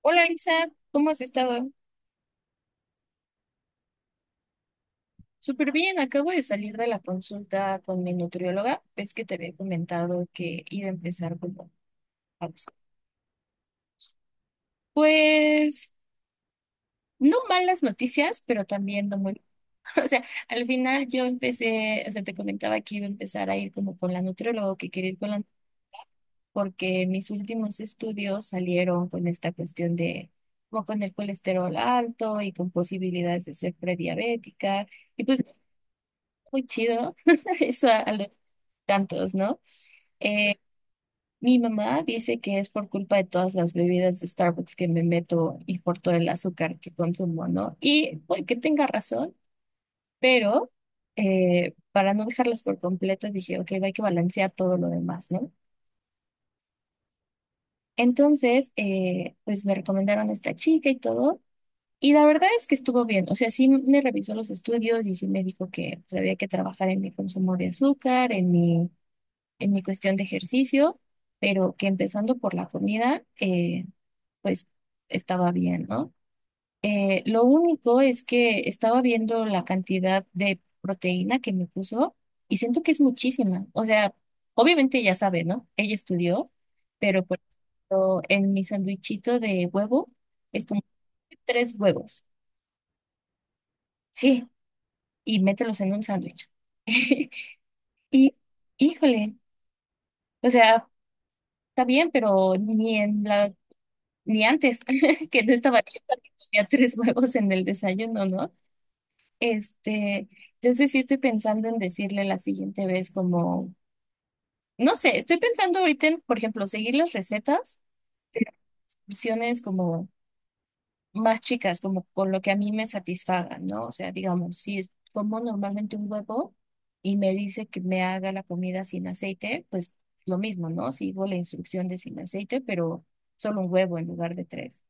Hola Isa, ¿cómo has estado? Súper bien, acabo de salir de la consulta con mi nutrióloga. Ves que te había comentado que iba a empezar como a buscar. Pues no malas noticias, pero también no muy. O sea, al final yo empecé, o sea, te comentaba que iba a empezar a ir como con la nutrióloga, que quería ir con la, porque mis últimos estudios salieron con esta cuestión de, como con el colesterol alto y con posibilidades de ser prediabética. Y pues no está muy chido. Eso a, tantos, ¿no? Eh, mi mamá dice que es por culpa de todas las bebidas de Starbucks que me meto y por todo el azúcar que consumo, ¿no? Y puede que tenga razón, pero para no dejarlas por completo dije, ok, hay que balancear todo lo demás, ¿no? Entonces, pues me recomendaron a esta chica y todo. Y la verdad es que estuvo bien, o sea, sí me revisó los estudios y sí me dijo que pues, había que trabajar en mi consumo de azúcar, en mi cuestión de ejercicio, pero que empezando por la comida, pues estaba bien, ¿no? Lo único es que estaba viendo la cantidad de proteína que me puso y siento que es muchísima. O sea, obviamente ya sabe, ¿no? Ella estudió, pero por ejemplo, en mi sandwichito de huevo es como tres huevos, sí, y mételos en un sándwich. Y, híjole, o sea, está bien, pero ni en la ni antes, que no estaba yo también comía tres huevos en el desayuno, ¿no? Este, entonces sí estoy pensando en decirle la siguiente vez como, no sé, estoy pensando ahorita en, por ejemplo, seguir las recetas, opciones como más chicas, como con lo que a mí me satisfaga, ¿no? O sea, digamos, si es como normalmente un huevo y me dice que me haga la comida sin aceite, pues lo mismo, ¿no? Sigo la instrucción de sin aceite, pero solo un huevo en lugar de tres.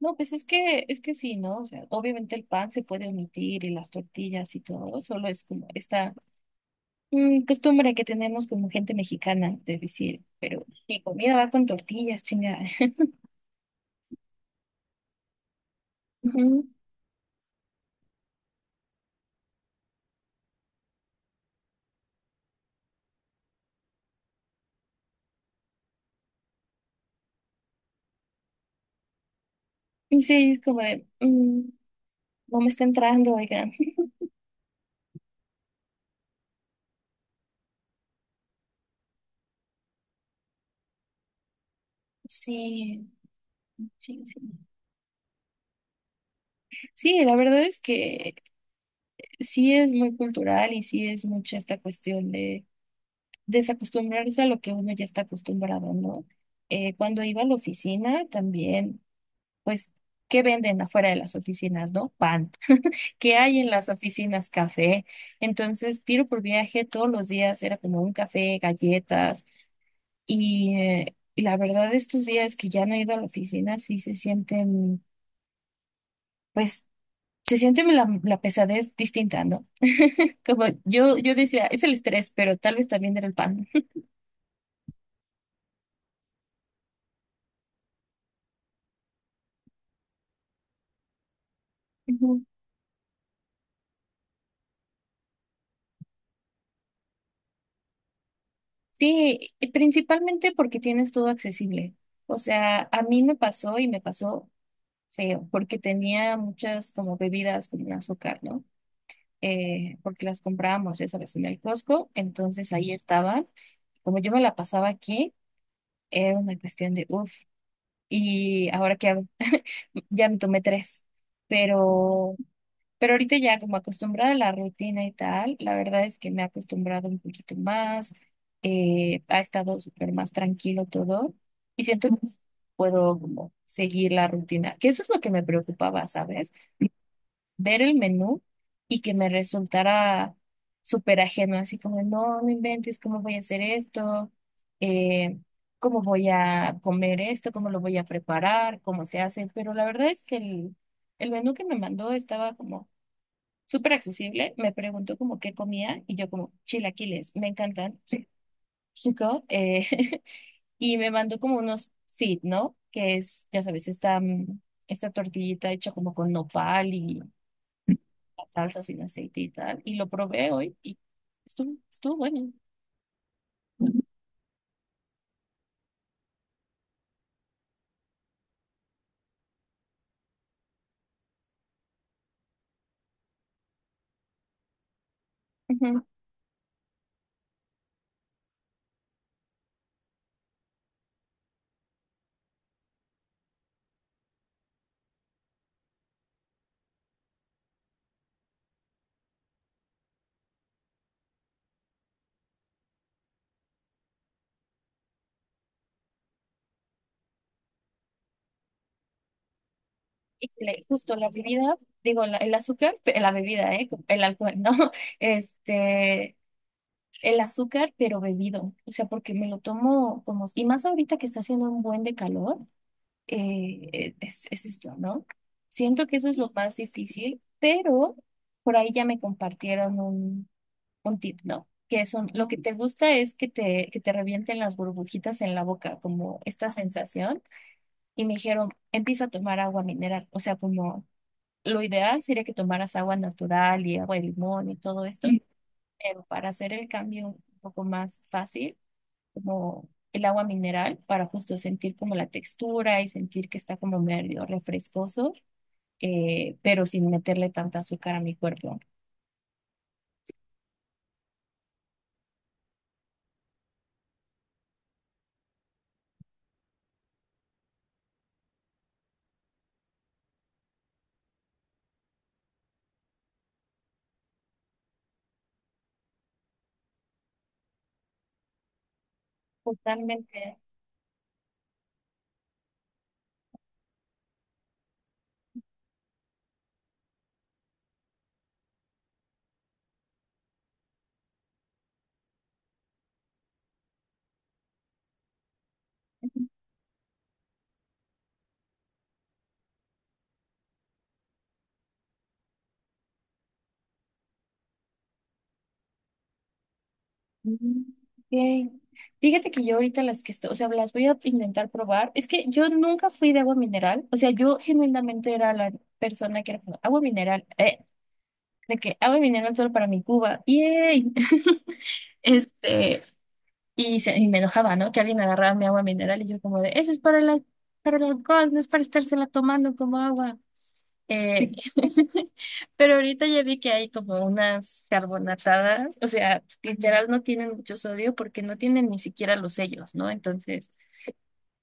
No, pues es que sí, ¿no? O sea, obviamente el pan se puede omitir y las tortillas y todo, solo es como esta costumbre que tenemos como gente mexicana de decir, pero mi comida va con tortillas, chinga. Ujú. Y sí, es como de, no me está entrando, oigan. Sí, sí, sí. Sí, la verdad es que sí es muy cultural y sí es mucho esta cuestión de desacostumbrarse a lo que uno ya está acostumbrado, ¿no? Cuando iba a la oficina también, pues, ¿qué venden afuera de las oficinas, no? Pan. ¿Qué hay en las oficinas? Café. Entonces, tiro por viaje todos los días, era como un café, galletas. Y la verdad, estos días que ya no he ido a la oficina, sí se sienten, pues, se siente la pesadez distinta, ¿no? Como yo decía, es el estrés, pero tal vez también era el pan. Ujú. Sí, y principalmente porque tienes todo accesible. O sea, a mí me pasó y me pasó. Sí, porque tenía muchas como bebidas con azúcar, ¿no? Porque las comprábamos, ya sabes, en el Costco, entonces ahí estaban. Como yo me la pasaba aquí, era una cuestión de uff, ¿y ahora qué hago? Ya me tomé tres, pero, pero ahorita ya como acostumbrada a la rutina y tal, la verdad es que me he acostumbrado un poquito más, ha estado súper más tranquilo todo y siento que puedo como seguir la rutina, que eso es lo que me preocupaba, ¿sabes? Ver el menú y que me resultara súper ajeno, así como, no, no inventes cómo voy a hacer esto. Eh, cómo voy a comer esto, cómo lo voy a preparar, cómo se hace, pero la verdad es que el menú que me mandó estaba como súper accesible, me preguntó como qué comía y yo como, chilaquiles, me encantan. Chico, y me mandó como unos fit, ¿no? Que es, ya sabes, esta, esta tortillita hecha como con nopal y salsa sin aceite y tal. Y lo probé hoy y estuvo, estuvo bueno. Ujú. Y le- justo la bebida, digo, la- el azúcar, pe- la bebida, ¿eh? El alcohol, ¿no? Este, el azúcar, pero bebido. O sea, porque me lo tomo como, y más ahorita que está haciendo un buen de calor, es esto, ¿no? Siento que eso es lo más difícil, pero por ahí ya me compartieron un tip, no. Que son, lo que te gusta es que te revienten las burbujitas en la boca, como esta sensación. Y me dijeron, empieza a tomar agua mineral. O sea, como lo ideal sería que tomaras agua natural y agua de limón y todo esto. Mm. Pero para hacer el cambio un poco más fácil, como el agua mineral, para justo sentir como la textura y sentir que está como medio refrescoso, pero sin meterle tanta azúcar a mi cuerpo. Totalmente. Mm. Ok. Fíjate que yo ahorita las que estoy, o sea, las voy a intentar probar. Es que yo nunca fui de agua mineral, o sea, yo genuinamente era la persona que era como, agua mineral, de que agua mineral solo para mi Cuba, yay. Este, y, se- y me enojaba, ¿no? Que alguien agarraba mi agua mineral y yo como de, eso es para la, para el alcohol, no es para estársela tomando como agua. Eh, pero ahorita ya vi que hay como unas carbonatadas, o sea, literal no tienen mucho sodio porque no tienen ni siquiera los sellos, ¿no? Entonces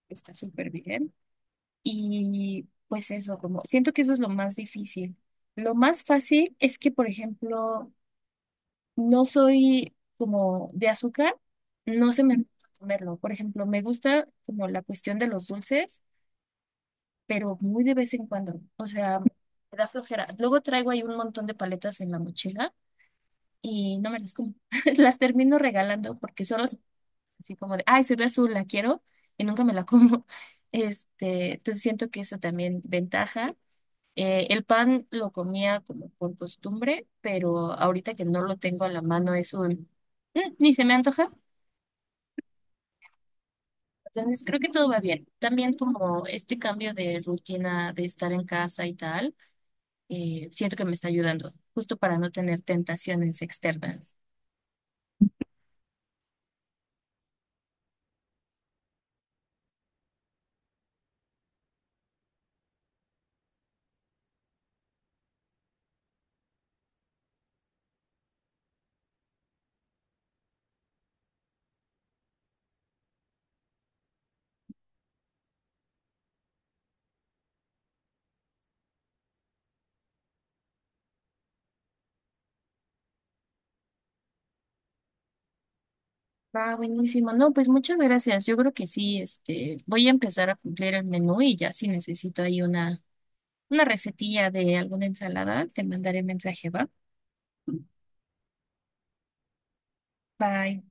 está súper bien. Y pues eso, como siento que eso es lo más difícil. Lo más fácil es que, por ejemplo, no soy como de azúcar, no se me antoja comerlo. Por ejemplo, me gusta como la cuestión de los dulces, pero muy de vez en cuando. O sea, me da flojera. Luego traigo ahí un montón de paletas en la mochila y no me las como. Las termino regalando porque solo es así como de, ay, se ve azul, la quiero y nunca me la como. Este, entonces siento que eso también ventaja. El pan lo comía como por costumbre, pero ahorita que no lo tengo a la mano es un, "Mm, ni se me antoja". Entonces creo que todo va bien. También como este cambio de rutina de estar en casa y tal, siento que me está ayudando, justo para no tener tentaciones externas. Ah, buenísimo. No, pues muchas gracias. Yo creo que sí, este, voy a empezar a cumplir el menú y ya si necesito ahí una recetilla de alguna ensalada, te mandaré mensaje, ¿va? Bye.